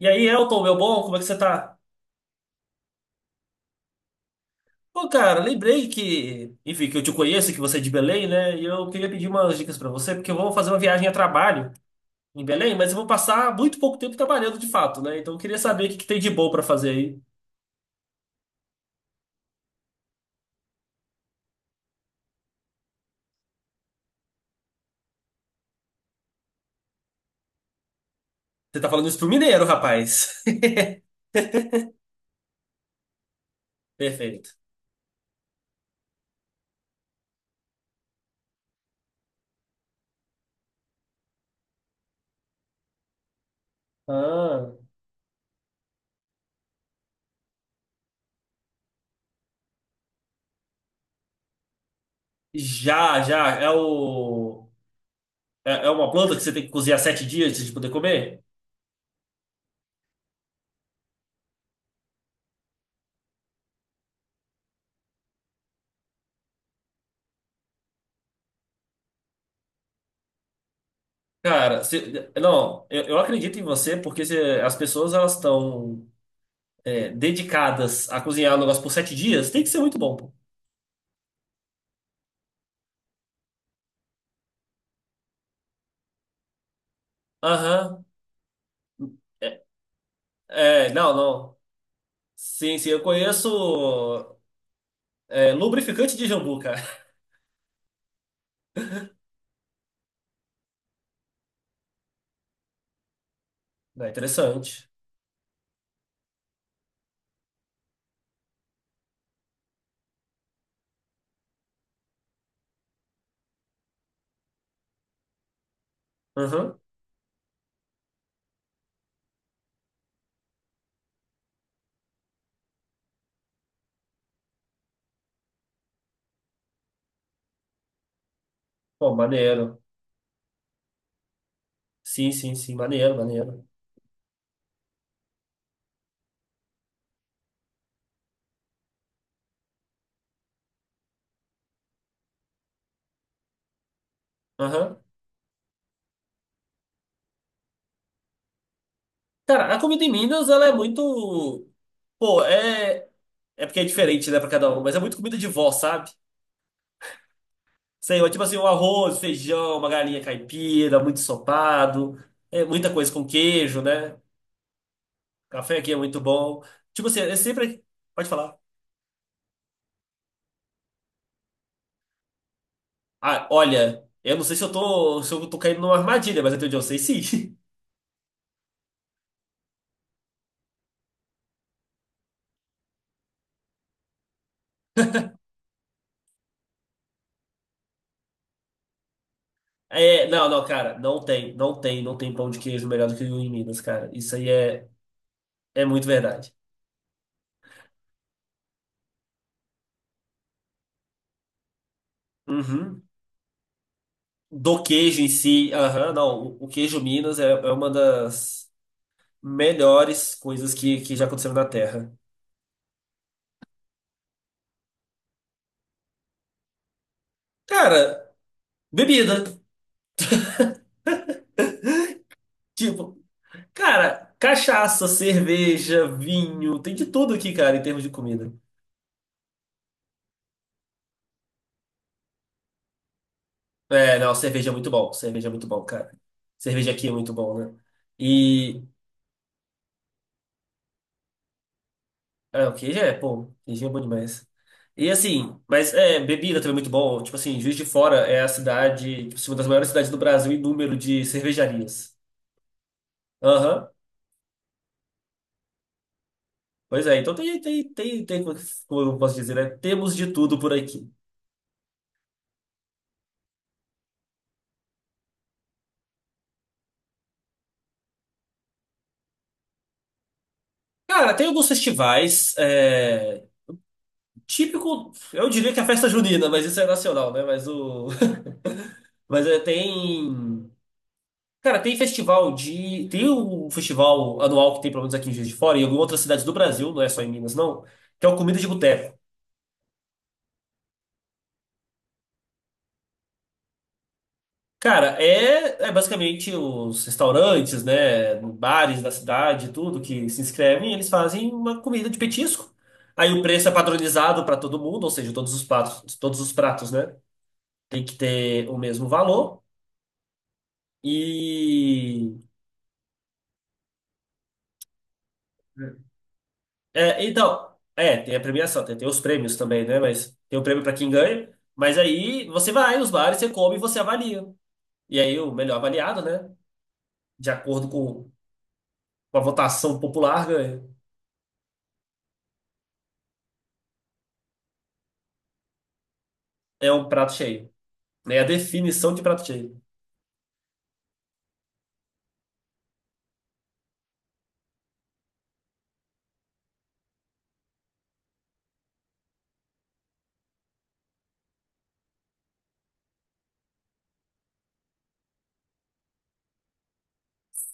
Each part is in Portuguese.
E aí, Elton, meu bom, como é que você tá? Pô, cara, lembrei que, enfim, que eu te conheço, que você é de Belém, né? E eu queria pedir umas dicas pra você, porque eu vou fazer uma viagem a trabalho em Belém, mas eu vou passar muito pouco tempo trabalhando de fato, né? Então eu queria saber o que que tem de bom pra fazer aí. Você tá falando isso pro mineiro, rapaz. Perfeito. Ah, já, já. É o é é uma planta que você tem que cozinhar 7 dias antes de poder comer? Cara, não, eu acredito em você. As pessoas elas estão dedicadas a cozinhar o negócio por 7 dias, tem que ser muito bom, pô. Aham. É, é, não, não. Sim, sim, eu conheço lubrificante de jambu, cara. É interessante. Aham. Pô, maneiro. Sim, sim, sim, maneiro, maneiro. Aham. Cara, a comida em Minas, ela é muito. Pô, é. É porque é diferente, né, pra cada um, mas é muito comida de vó, sabe? Sei, lá, tipo assim, um arroz, feijão, uma galinha caipira, muito ensopado, muita coisa com queijo, né? Café aqui é muito bom. Tipo assim, é sempre. Pode falar. Ah, olha, eu não sei se eu tô caindo numa armadilha, mas até onde eu sei, sim. É, não, não, cara, não tem, não tem, não tem pão de queijo melhor do que o em Minas, cara. Isso aí é muito verdade. Uhum. Do queijo em si, aham, não, o queijo Minas é uma das melhores coisas que já aconteceram na Terra. Cara, bebida, tipo, cara, cachaça, cerveja, vinho, tem de tudo aqui, cara, em termos de comida. É, não, cerveja é muito bom. Cerveja é muito bom, cara. Cerveja aqui é muito bom, né? E. É, o queijo é, pô, queijo é bom demais. E assim, mas bebida também é muito bom. Tipo assim, Juiz de Fora é a cidade, tipo, assim, uma das maiores cidades do Brasil em número de cervejarias. Aham. Pois é, então tem, como eu posso dizer, né? Temos de tudo por aqui. Cara, tem alguns festivais, típico, eu diria que é a festa junina, mas isso é nacional, né? Mas o. Mas é, tem. Cara, tem festival de. Tem um festival anual que tem, pelo menos aqui em Juiz de Fora, e em algumas outras cidades do Brasil, não é só em Minas, não, que é o Comida de Boteco. Cara, é basicamente os restaurantes, né, bares da cidade, tudo que se inscrevem, eles fazem uma comida de petisco. Aí o preço é padronizado para todo mundo, ou seja, todos os pratos, né, tem que ter o mesmo valor. E então, tem a premiação, tem os prêmios também, né? Mas tem o prêmio pra quem ganha. Mas aí você vai nos bares, você come e você avalia. E aí o melhor avaliado, né? De acordo com a votação popular, ganha. É um prato cheio, né? É a definição de prato cheio.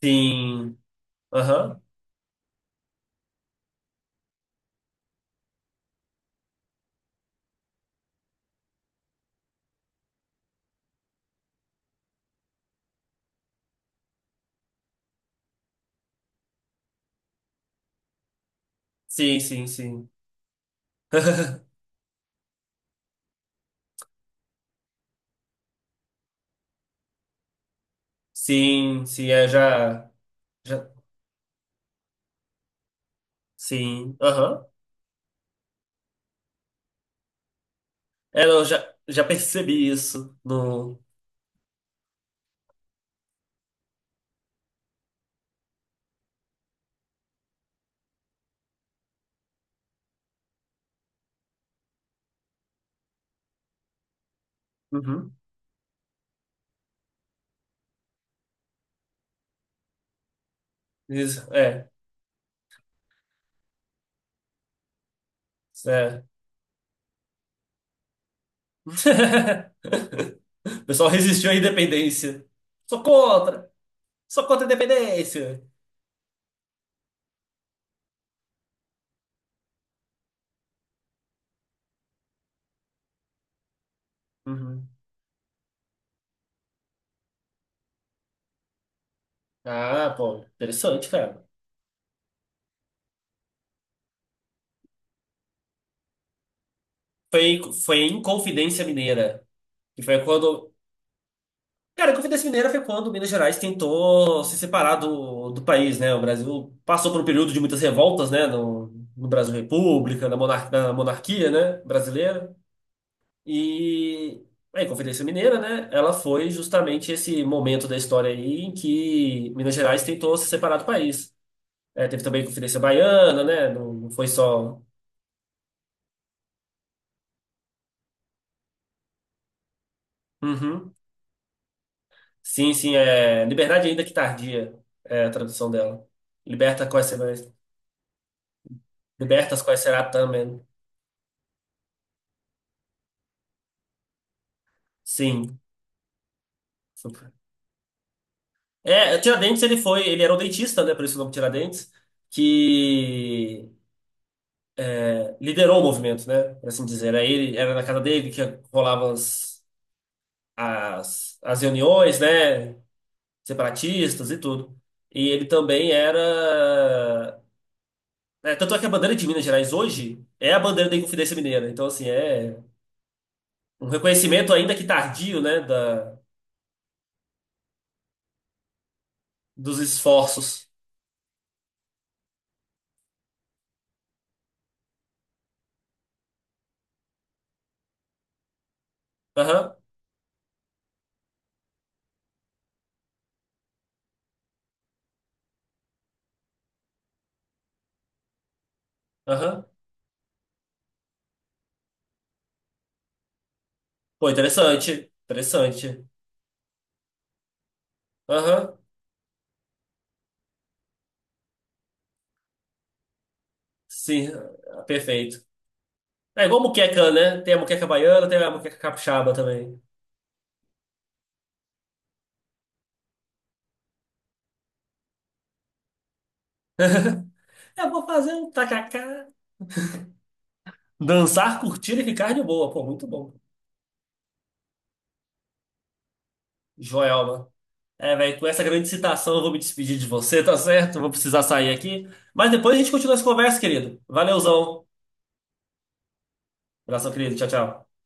Sim. Aham. Sim, sim, sim. Sim, sim, já, já. Sim. Aham. É, eu já, já percebi isso no. Uhum. Isso, é. É. O pessoal resistiu à independência. Sou contra! Sou contra a independência! Uhum. Ah, pô, interessante, cara. Foi em Confidência Mineira. Que foi quando. Cara, a Confidência Mineira foi quando Minas Gerais tentou se separar do país, né? O Brasil passou por um período de muitas revoltas, né? No, no Brasil República, na monarquia, né? Brasileira. E a Inconfidência Mineira, né? Ela foi justamente esse momento da história aí em que Minas Gerais tentou se separar do país. É, teve também a Inconfidência Baiana, né? Não, não foi só. Uhum. Sim, sim, é Liberdade ainda que tardia, é a tradução dela. Liberta quais será, libertas quais será também. Sim. É, o Tiradentes ele era um dentista, né? Por isso o nome Tiradentes, que liderou o movimento, né? Por assim dizer. Aí ele era na casa dele que rolavam as, as reuniões, né? Separatistas e tudo. E ele também era. Tanto é que a bandeira de Minas Gerais hoje é a bandeira da Inconfidência Mineira. Então, assim, é um reconhecimento ainda que tardio, né? Dos esforços. Aham, aham. Pô, interessante. Interessante. Aham, sim, perfeito. É igual muqueca, né? Tem a muqueca baiana, tem a muqueca capixaba também. Eu vou fazer um tacacá. Dançar, curtir e ficar de boa. Pô, muito bom. Joelma. É, velho, com essa grande citação eu vou me despedir de você, tá certo? Vou precisar sair aqui. Mas depois a gente continua essa conversa, querido. Valeuzão. Abração, querido. Tchau, tchau.